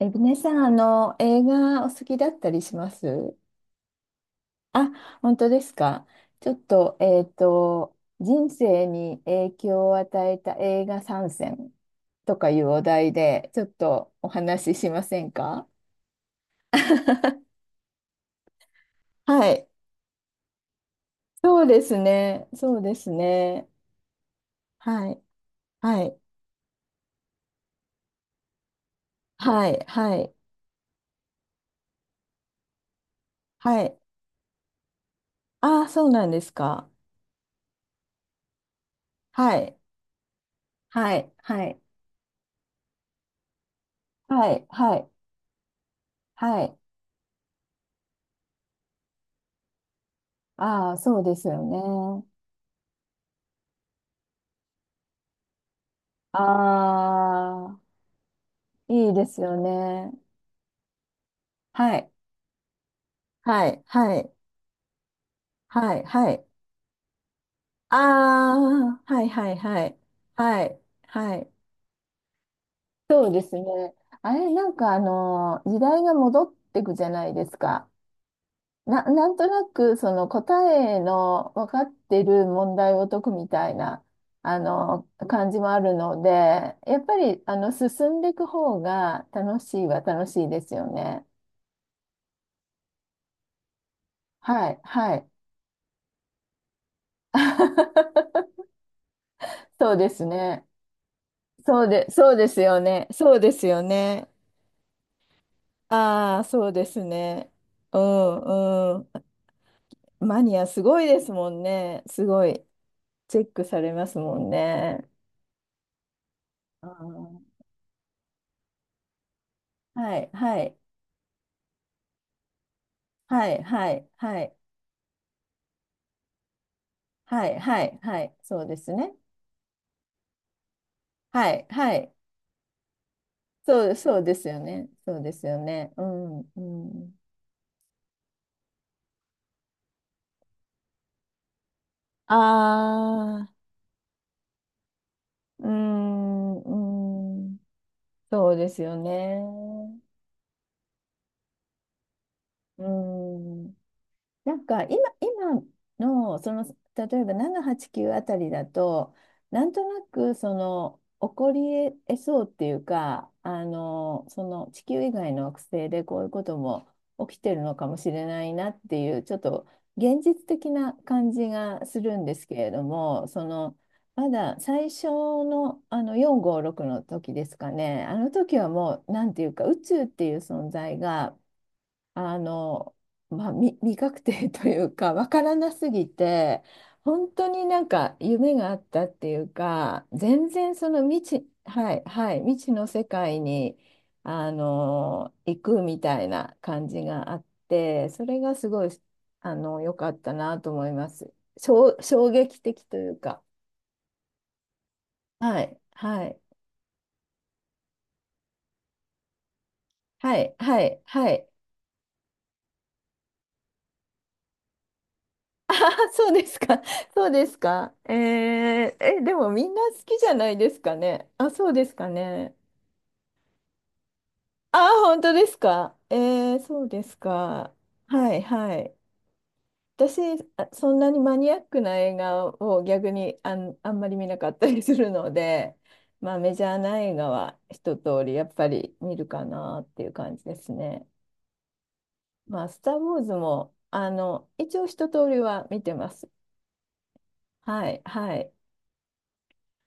ねさん、映画お好きだったりします。あ、本当ですか。ちょっと、人生に影響を与えた映画参戦とかいうお題で、ちょっとお話ししませんか。 はい。そうですね。そうですね。はい。はい。はい。はい。はい。ああ、そうなんですか。はい。はい。はい。はい。はい。はい。ああ、そうですよね。ああ、いいですよね。はい、はい、はい、はい、はい。ああ、はい、はい、はい、はい、はい。そうですね。あれ、なんか時代が戻っていくじゃないですか。なんとなく、その答えの分かってる問題を解くみたいな、感じもあるので、やっぱり、進んでいく方が楽しいは楽しいですよね。はい、はい。そうですね。そうですよね。そうですよね。ああ、そうですね。うんうん。マニアすごいですもんね。すごい。チェックされますもんね。あー、はい、はい、はい、はい、はい、はい、はい、はい、そうですね。はい、はい、そうそうですよね。そうですよね。うんうん。ああ、うーんうーん。そうですよね。うーん。なんか今の、その、例えば789あたりだと、なんとなく、その、起こり得そうっていうか、その地球以外の惑星でこういうことも起きてるのかもしれないなっていう、ちょっと現実的な感じがするんですけれども、その、まだ最初の、あの456の時ですかね。あの時はもう、なんていうか、宇宙っていう存在が、あの、まあ、未確定というか、わからなすぎて、本当になんか夢があったっていうか、全然その未知、はい、はい、未知の世界に、行くみたいな感じがあって、それがすごい、良かったなと思います。衝撃的というか、はい、はい、はい、はい、はい。あ、そうですか。そうですか。でもみんな好きじゃないですかね。あ、そうですかね。あ、本当ですか。そうですか。はい、はい。私、あそんなにマニアックな映画を逆にあんまり見なかったりするので、まあメジャーな映画は一通りやっぱり見るかなっていう感じですね。まあ、スター・ウォーズも、一応一通りは見てます。はい、はい。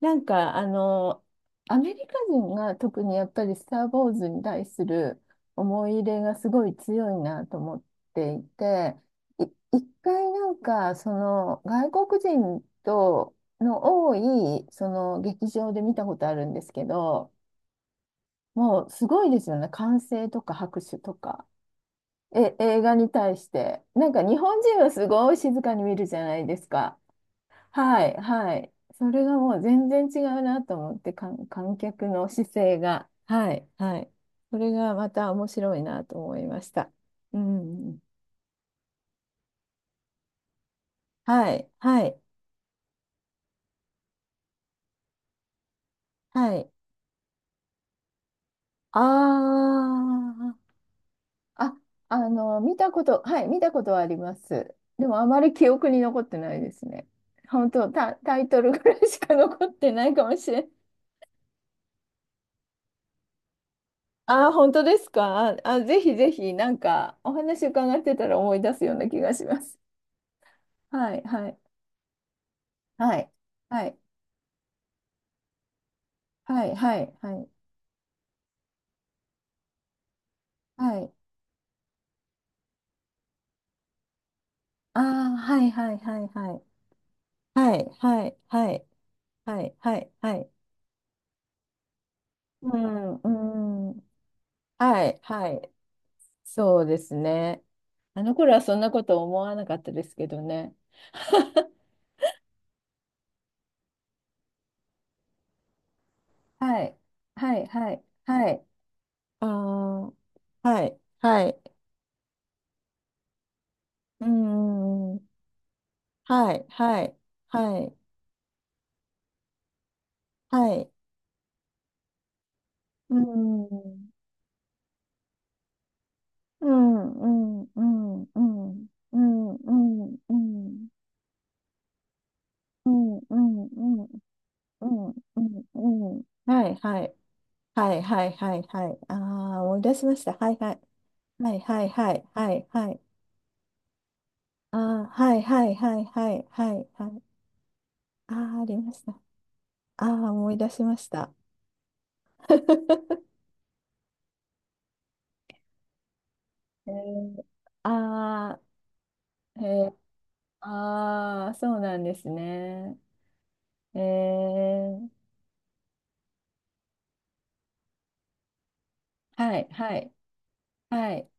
なんか、アメリカ人が特にやっぱりスター・ウォーズに対する思い入れがすごい強いなと思っていて、い一回なんか、その外国人との多いその劇場で見たことあるんですけど、もうすごいですよね。歓声とか拍手とか。え、映画に対して。なんか日本人はすごい静かに見るじゃないですか。はい、はい。それがもう全然違うなと思って、観客の姿勢が。はい、はい。それがまた面白いなと思いました。うん。はい、はい、はい。ああ、あ、見たこと、はい、見たことはあります。でもあまり記憶に残ってないですね。本当、タイトルぐらいしか残ってないかもしれない。ああ、本当ですか。あ、ぜひぜひ、なんか、お話伺ってたら思い出すような気がします。はい、はい、はい、はい、はい、はい、はい、はい、ああ、はい、はい、はい、はい、はい、はい、はい、はい、はい、はい、うん、うん、はい、はい、そうですね。あの頃はそんなこと思わなかったですけどね。はい、はい、はい、はい、ああ、はい、はい、うん、はい、はい、はい、はい、うん。うん、うん、うん、うん、うん、うん、うん、うん、うん、うん、うん、うん、うん、はい、はい、はい、はい、はい、はい、ああ、思い出しました。はい、はい、はい、はい、はい、はい、はい、ああ、はい、はい、はい、はい、はい、はい、ああ、ありました。ああ、思い出しました。えー、ああ、ああ、そうなんですね。えー、はい、はい、はい。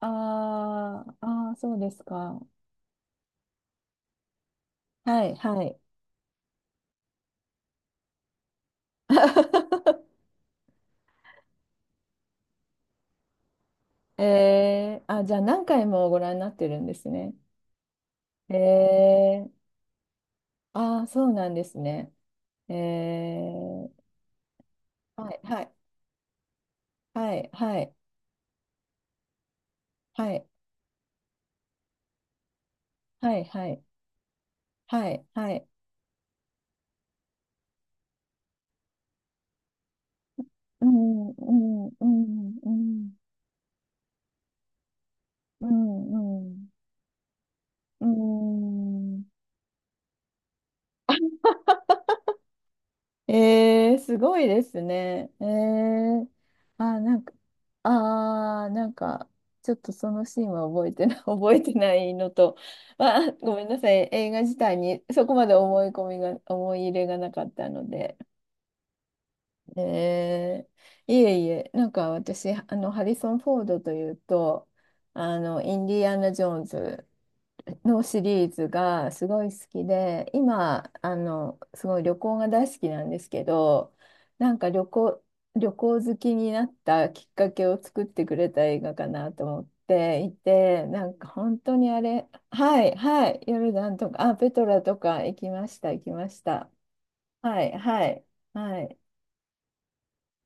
あーあー、そうですか。はい、はい。あ、じゃあ何回もご覧になってるんですね。えー、ああ、そうなんですね。えー、はい、はい、はい、はい、はい、はい、はい、はい、はい、うん、うん、うん、うん、うん、うん、うん、すごいですね。あ、なんか、なんか、ちょっとそのシーンは覚えてない、覚えてないのと、まあ、ごめんなさい、映画自体にそこまで思い込みが、思い入れがなかったので、えいえいえ、なんか私、ハリソン・フォードというと、インディアナ・ジョーンズのシリーズがすごい好きで、今、すごい旅行が大好きなんですけど、なんか旅行好きになったきっかけを作ってくれた映画かなと思っていて、なんか本当にあれ、はい、はい、ヨルダンとか、あ、ペトラとか行きました、行きました。はい、はい、はい。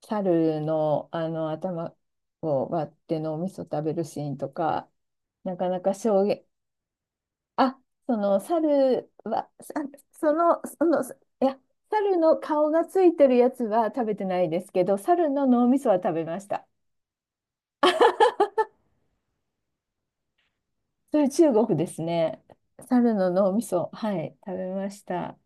猿の、あの頭を割って脳みそ食べるシーンとか、なかなか衝撃、あ、その猿は、さその、その、いや、猿の顔がついてるやつは食べてないですけど、猿の脳みそは食べました。それ中国ですね。猿の脳みそ、はい、食べました。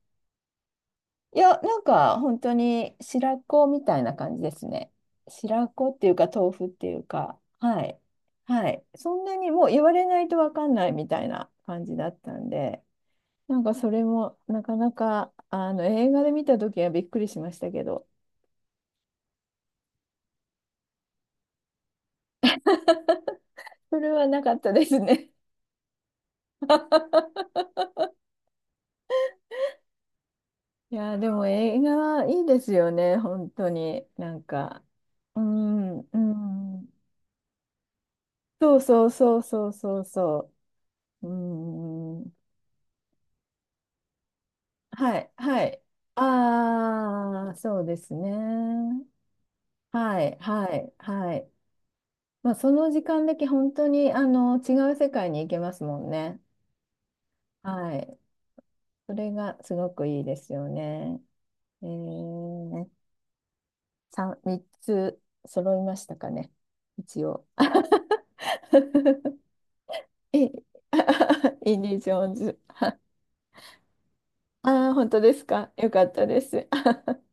いや、なんか本当に白子みたいな感じですね。白子っていうか豆腐っていうか、はい。はい。そんなにもう言われないとわかんないみたいな感じだったんで。なんかそれもなかなかあの映画で見た時はびっくりしましたけど、それはなかったですね。いやー、でも映画はいいですよね、本当に。なんか、うん、うん。そうそうそうそうそうそう。うん。はい、はい。ああ、そうですね。はい、はい、はい。まあ、その時間だけ本当にあの違う世界に行けますもんね。はい。それがすごくいいですよね。えー、3、三つ揃いましたかね。一応。え、インディ・ジョーンズ。ああ本当ですか。よかったです。